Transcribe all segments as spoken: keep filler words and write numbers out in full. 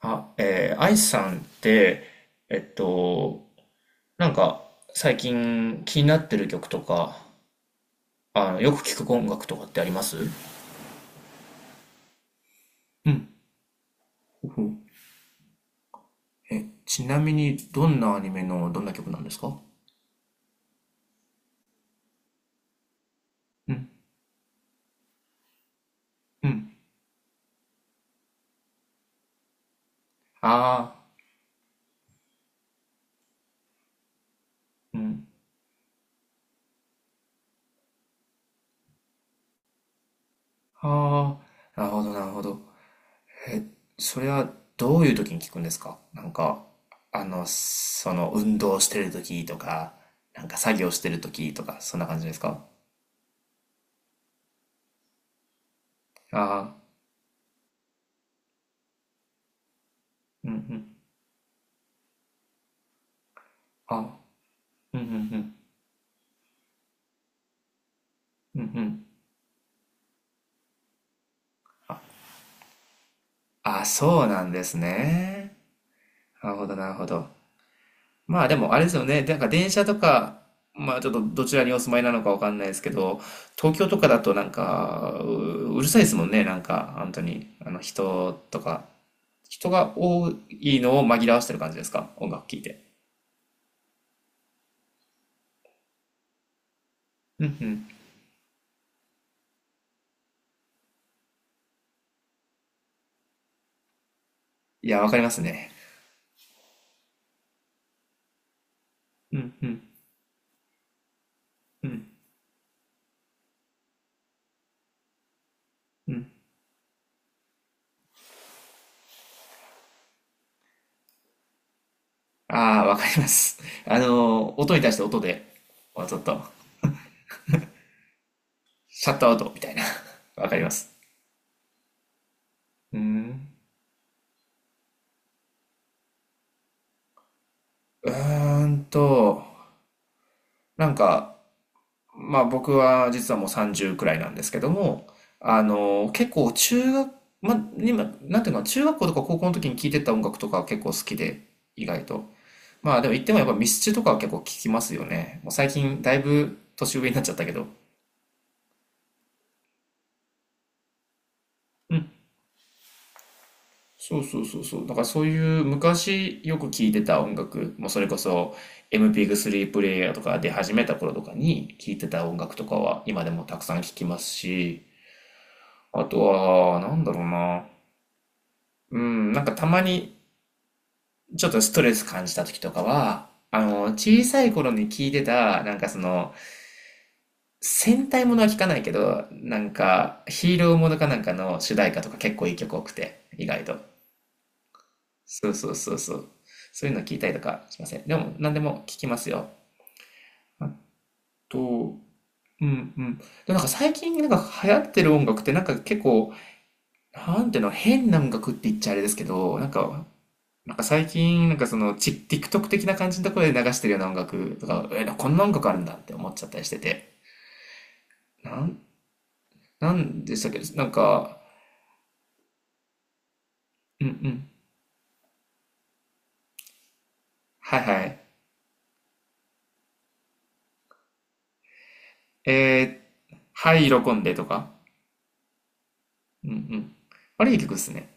あ、えー、アイさんって、えっと、なんか、最近気になってる曲とか、あの、よく聞く音楽とかってあります？うん。ほほえ、ちなみに、どんなアニメのどんな曲なんですか？うん、うん。ああ、うん。ああ、なるほど、なるほど。え、それはどういう時に聞くんですか？なんか、あの、その、運動してる時とか、なんか作業してる時とか、そんな感じですか？ああー、うん、うん。あ。うんうんうんうんうん。あ、そうなんですね。なるほど、なるほど。まあでもあれですよね。なんか電車とか、まあちょっとどちらにお住まいなのかわかんないですけど、東京とかだとなんか、う、うるさいですもんね。なんか、本当に。あの人とか、人が多いのを紛らわしてる感じですか？音楽聴いて。うんうん。いや、わかりますね。うんうんうんうん。ああ、わかります。あの、音に対して音で、もうちょっと、シャットアウトみたいな。わかります。うん。うーんと、なんか、まあ僕は実はもうさんじゅうくらいなんですけども、あの、結構中学、まあ今、なんていうの、中学校とか高校の時に聴いてた音楽とか結構好きで、意外と。まあでも言ってもやっぱミスチルとかは結構聴きますよね。もう最近だいぶ年上になっちゃったけど。そうそうそうそう。だからそういう昔よく聴いてた音楽、もうそれこそ エムピースリー プレイヤーとか出始めた頃とかに聴いてた音楽とかは今でもたくさん聴きますし、あとは、なんだろうな。うん、なんかたまにちょっとストレス感じた時とかは、あの、小さい頃に聴いてた、なんかその、戦隊ものは聴かないけど、なんかヒーローものかなんかの主題歌とか結構いい曲多くて、意外と。そうそうそうそう。そういうの聞いたりとかしません？でも、何でも聞きますよ。あと、うんうん。でもなんか最近なんか流行ってる音楽ってなんか結構、なんていうの、変な音楽って言っちゃあれですけど、なんか、なんか最近なんかそのち TikTok 的な感じのところで流してるような音楽とか、え、こんな音楽あるんだって思っちゃったりしてて。なん、なんでしたっけ、なんか、うんうん。はいはい。えー、ハイロコンデとか。うんうん。あれいい曲っすね。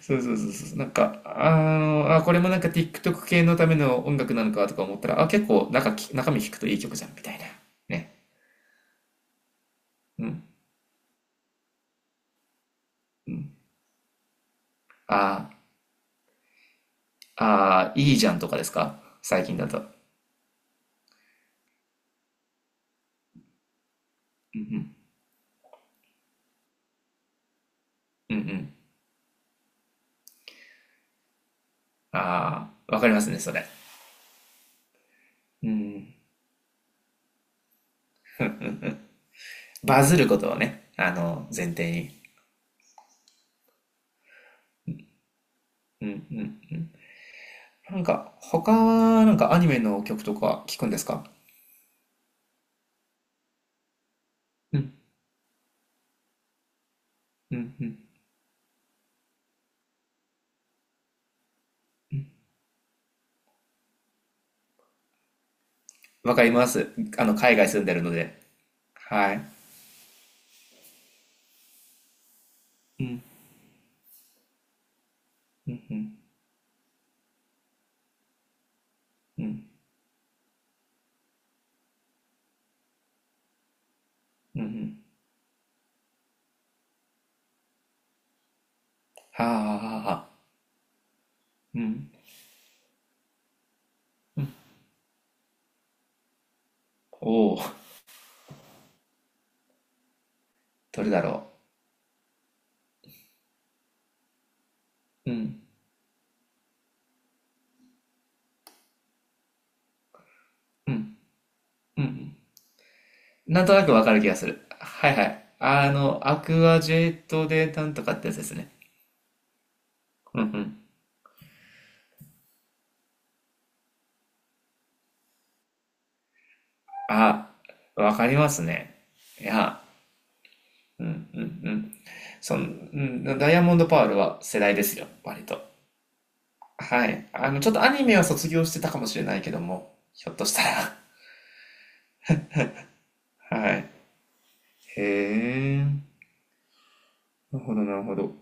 そうそうそうそう。なんか、あの、あ、これもなんか TikTok 系のための音楽なのかとか思ったら、あ、結構中き、中身聞くといい曲じゃん、みたいな。ね。うん、うん。あー、あー、いいじゃんとかですか最近だと？うんうん。うんうん。ああ、わかりますね、それ。うん。バズることをね、あの、前提に。うんうん。なんか、他は、なんかアニメの曲とか聞くんですか？うんうんうん。わかります。あの、海外住んでるので。はい。うんうんうん。はあはあはあ。うん。おお、どれだろう。うん、うん、うん。なんとなくわかる気がする。はいはい。あの、アクアジェットでなんとかってやつですね。うんうん。あ、わかりますね。いや、うんうんうん。その、うん、ダイヤモンドパールは世代ですよ、割と。はい。あの、ちょっとアニメは卒業してたかもしれないけども、ひょっとしたら。はい。へえ。なるほど、なるほど。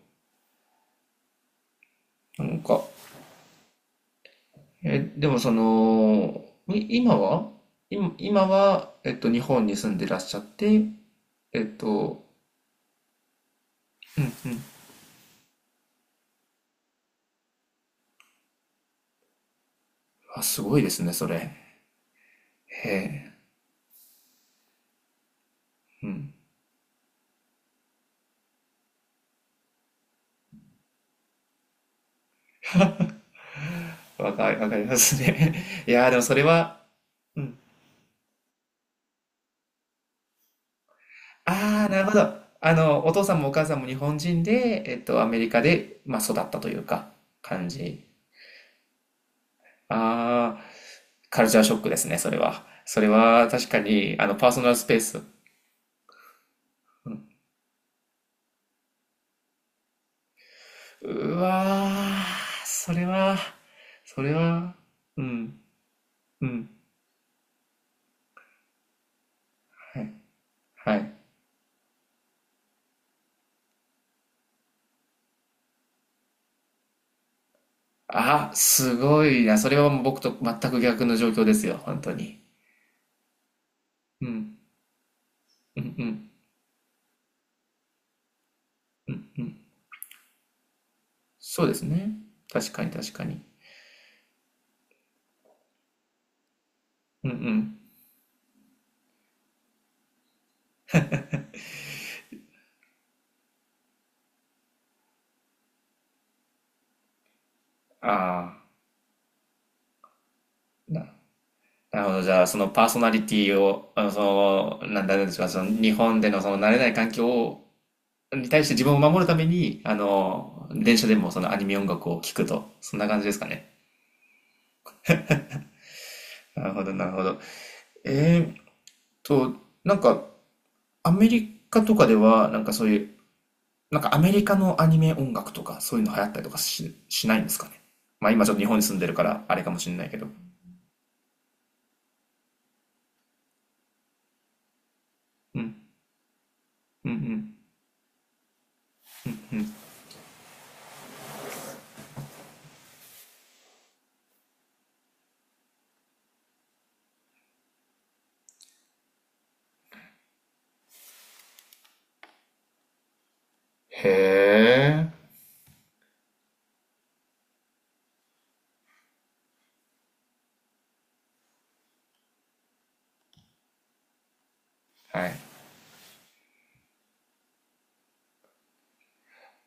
なんか、え、でもその、い今は今、今は、えっと、日本に住んでらっしゃって、えっと、うんうん。あ、すごいですね、それ。へえ、うん。わか、わかりますね。いやー、でもそれは、うん。ああ、なるほど。あの、お父さんもお母さんも日本人で、えっと、アメリカで、まあ、育ったというか、感じ。ああ、カルチャーショックですね、それは。それは、確かに、あの、パーソナルスペース。うわー、それは、それは、うん、うん、はい、はい。あ、すごいな。それはもう僕と全く逆の状況ですよ、本当に。うん、うん、うん、うん。そうですね。確かに、確かに。うん、うん。ああ、な、なるほど。じゃあ、そのパーソナリティを、あの、その、なんだろうでしょう、その日本でのその慣れない環境を、に対して自分を守るために、あの、電車でもそのアニメ音楽を聴くと、そんな感じですかね。なるほど、なるほど。えーっと、なんか、アメリカとかでは、なんかそういう、なんかアメリカのアニメ音楽とか、そういうの流行ったりとかし、しないんですかね。まあ今ちょっと日本に住んでるから、あれかもしれないけど。うん、うん、うん。へえ。はい。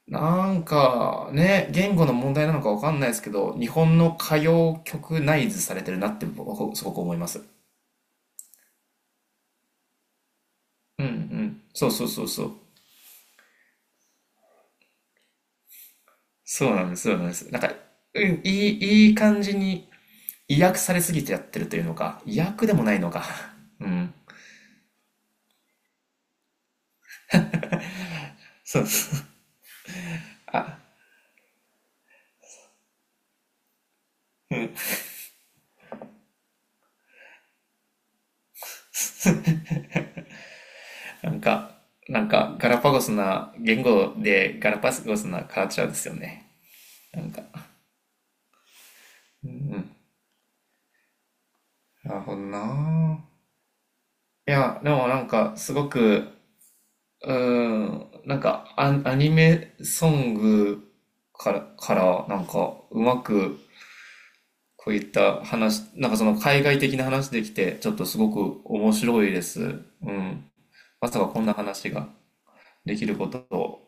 なんかね、言語の問題なのかわかんないですけど、日本の歌謡曲ナイズされてるなって僕はすごく思います。うん、うん。そうそうそうそう。そうなんです、そうなんです。なんか、うん、いい、いい感じに威訳されすぎてやってるというのか、威訳でもないのか。うん。そうそう。あ、うん。なんか、なんか、ガラパゴスな言語でガラパゴスなカルチャーですよね。なんか。うん。なるほどな。いや、でもなんか、すごく、うーん、なんかア、アニメソングから、から、なんか、うまく、こういった話、なんかその海外的な話できて、ちょっとすごく面白いです。うん。まさかこんな話が。できることを